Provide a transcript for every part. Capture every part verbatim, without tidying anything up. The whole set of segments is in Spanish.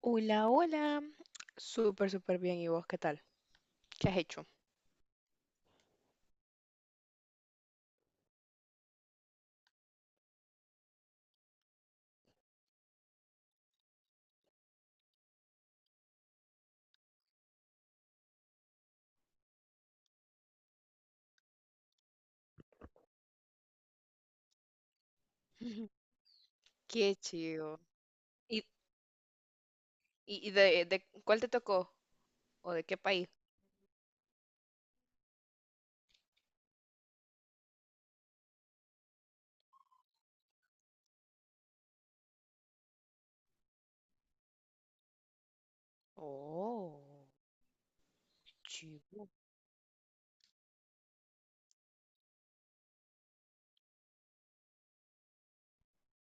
Hola, hola. Súper, súper bien. ¿Y vos qué tal? ¿Qué has hecho? Ujú. Qué chido. ¿Y, y y de, de cuál te tocó? ¿O de qué país? Oh, chido.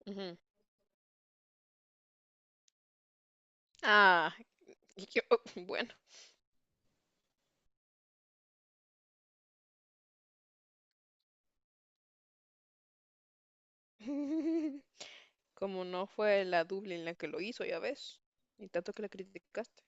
Ujú. Ah, y yo, bueno, como no fue la Dublín la que lo hizo, ya ves, y tanto que la criticaste.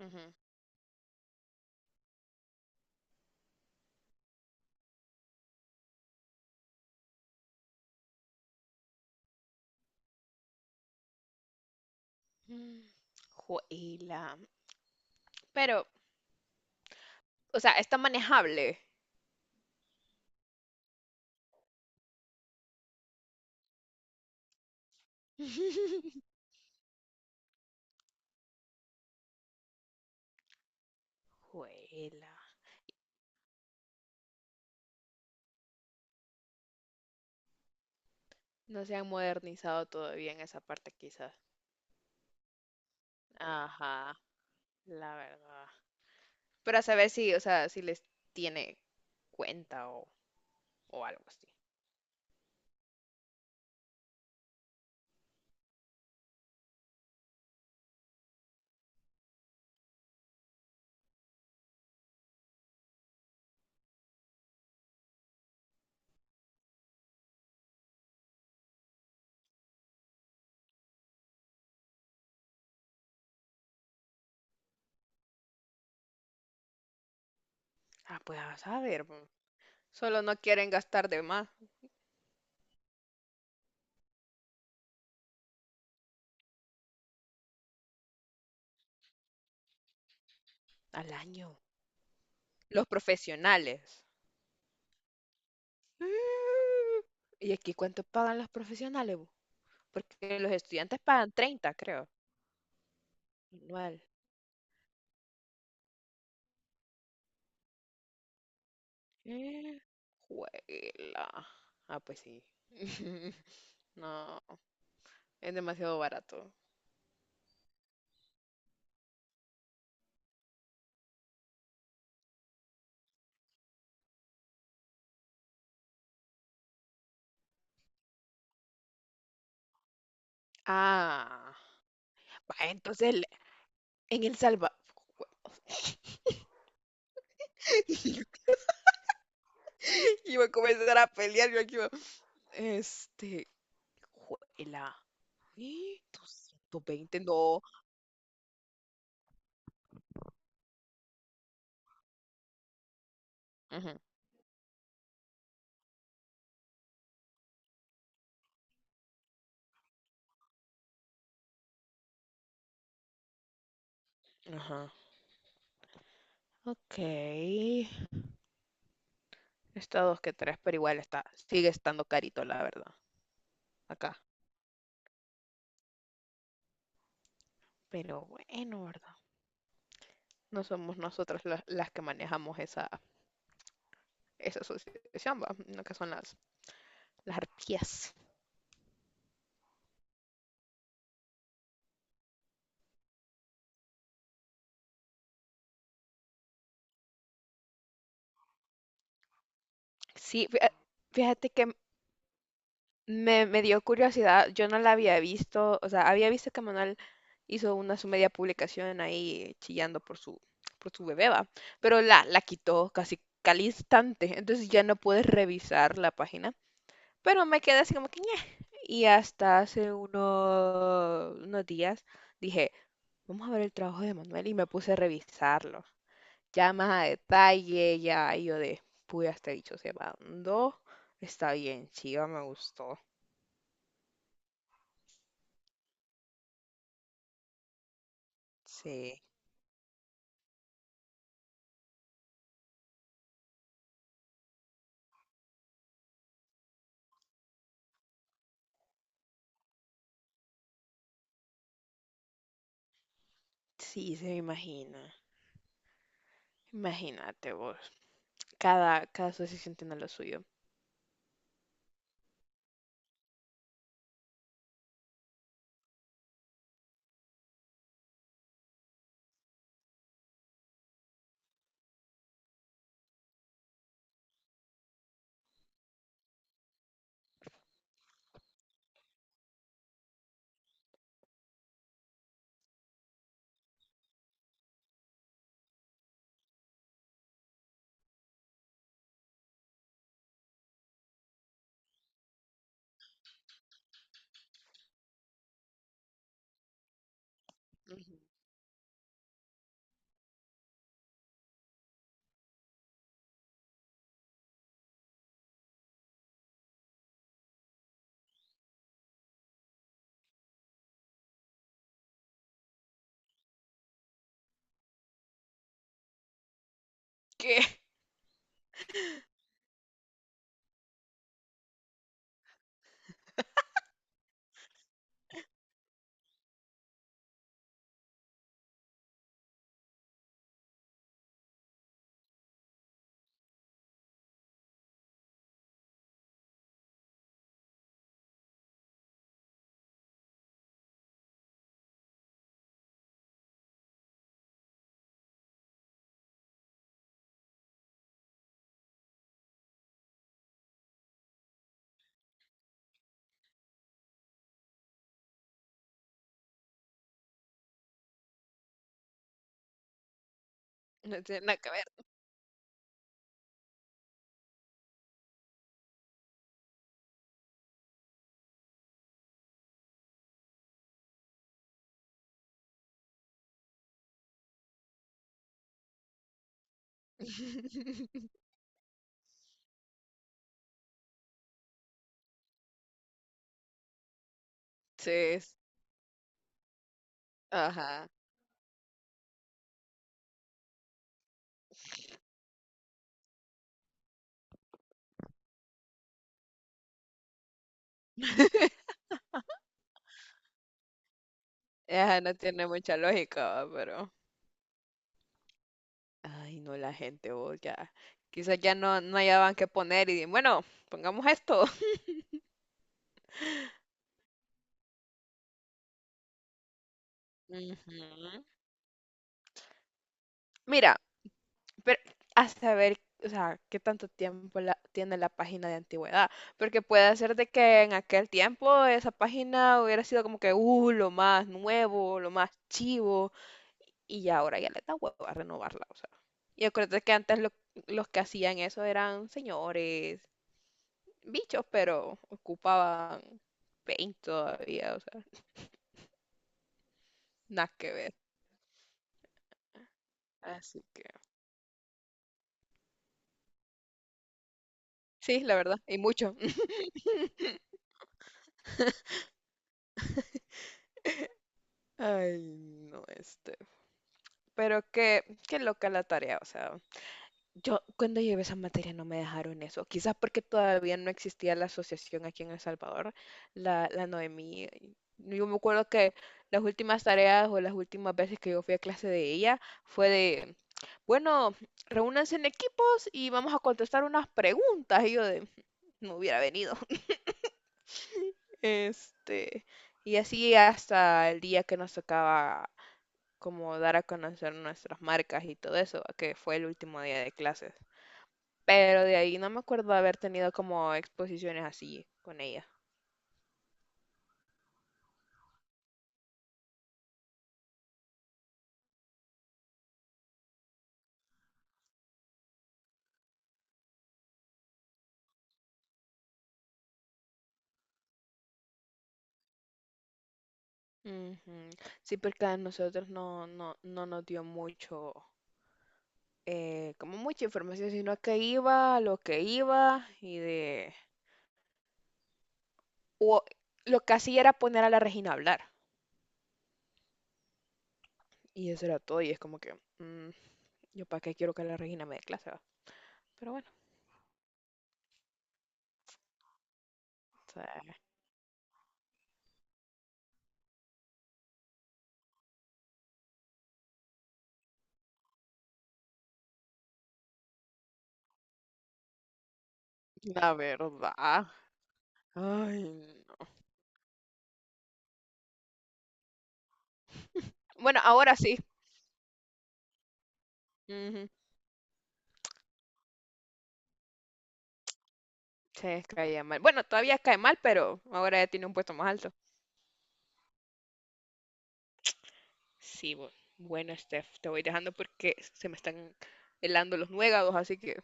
Ujú. Mm, Juela. Pero, o sea, está manejable. Juela. No se han modernizado todavía en esa parte, quizás. Ajá, la verdad. Para saber si, o sea, si les tiene cuenta o, o algo así. Ah, pues a saber, po. Solo no quieren gastar de más al año. Los profesionales. Mm, ¿Y aquí cuánto pagan los profesionales, bu? Porque los estudiantes pagan treinta creo, anual. Eh, juela. Ah, pues sí. No, es demasiado barato. Ah, va, entonces el- en El Salvador. Iba a comenzar a pelear, yo aquí iba, este, juela, ¿y doscientos veinte no? Ujú. Ajá. Ok. Está dos que tres, pero igual está, sigue estando carito, la verdad, acá. Pero bueno, ¿verdad? No somos nosotras las las que manejamos esa, esa asociación, ¿va? No, que son las, las arpías. Sí, fíjate que Me, me dio curiosidad, yo no la había visto, o sea, había visto que Manuel hizo una su media publicación ahí chillando por su, por su bebé, va, pero la, la quitó casi al instante, entonces ya no puedes revisar la página, pero me quedé así como que ñe. Y hasta hace unos, unos días dije, vamos a ver el trabajo de Manuel y me puse a revisarlo, ya más a detalle, ya y yo de, pude hasta dicho, se mandó, está bien, chiva, me gustó, sí. Sí, se me imagina. Imagínate vos. Cada, cada asociación tiene lo suyo. Ujú. ¿Qué? No tiene nada que ver. Sí, es- ajá. Ajá, no tiene mucha lógica, va, pero. Ay, no, la gente, vos ya. Quizás ya no, no hallaban qué poner y di- bueno, pongamos esto. Ujú. Mira. Pero a saber, o sea, qué tanto tiempo la- tiene la página de antigüedad. Porque puede ser de que en aquel tiempo esa página hubiera sido como que, uh, lo más nuevo, lo más chivo. Y ya ahora ya le da huevo a renovarla, o sea. Y acuérdate que antes lo- los que hacían eso eran señores, bichos, pero ocupaban paint todavía, o sea, nada que ver. Así que, sí, la verdad, y mucho. Ay, no, este. Pero qué, qué loca la tarea, o sea. Yo cuando llevé esa materia no me dejaron eso, quizás porque todavía no existía la asociación aquí en El Salvador, la, la Noemí. Yo me acuerdo que las últimas tareas o las últimas veces que yo fui a clase de ella fue de, bueno, reúnanse en equipos y vamos a contestar unas preguntas. Y yo de, no hubiera venido. Este, y así hasta el día que nos tocaba como dar a conocer nuestras marcas y todo eso, que fue el último día de clases. Pero de ahí no me acuerdo de haber tenido como exposiciones así con ella. Ujú. Sí, porque a nosotros no, no, no nos dio mucho, eh, como mucha información, sino que iba lo que iba y de... O, lo que hacía era poner a la Regina a hablar. Y eso era todo. Y es como que, mm, yo para qué quiero que la Regina me dé clase, ¿va? Pero bueno, o sea, la verdad. Ay, no. Bueno, ahora sí. Ujú. Se caía mal. Bueno, todavía cae mal, pero ahora ya tiene un puesto más alto. Sí, bu- bueno, Steph, te voy dejando porque se me están helando los nuegados, así que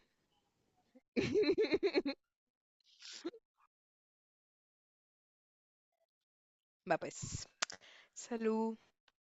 va pues. Salud.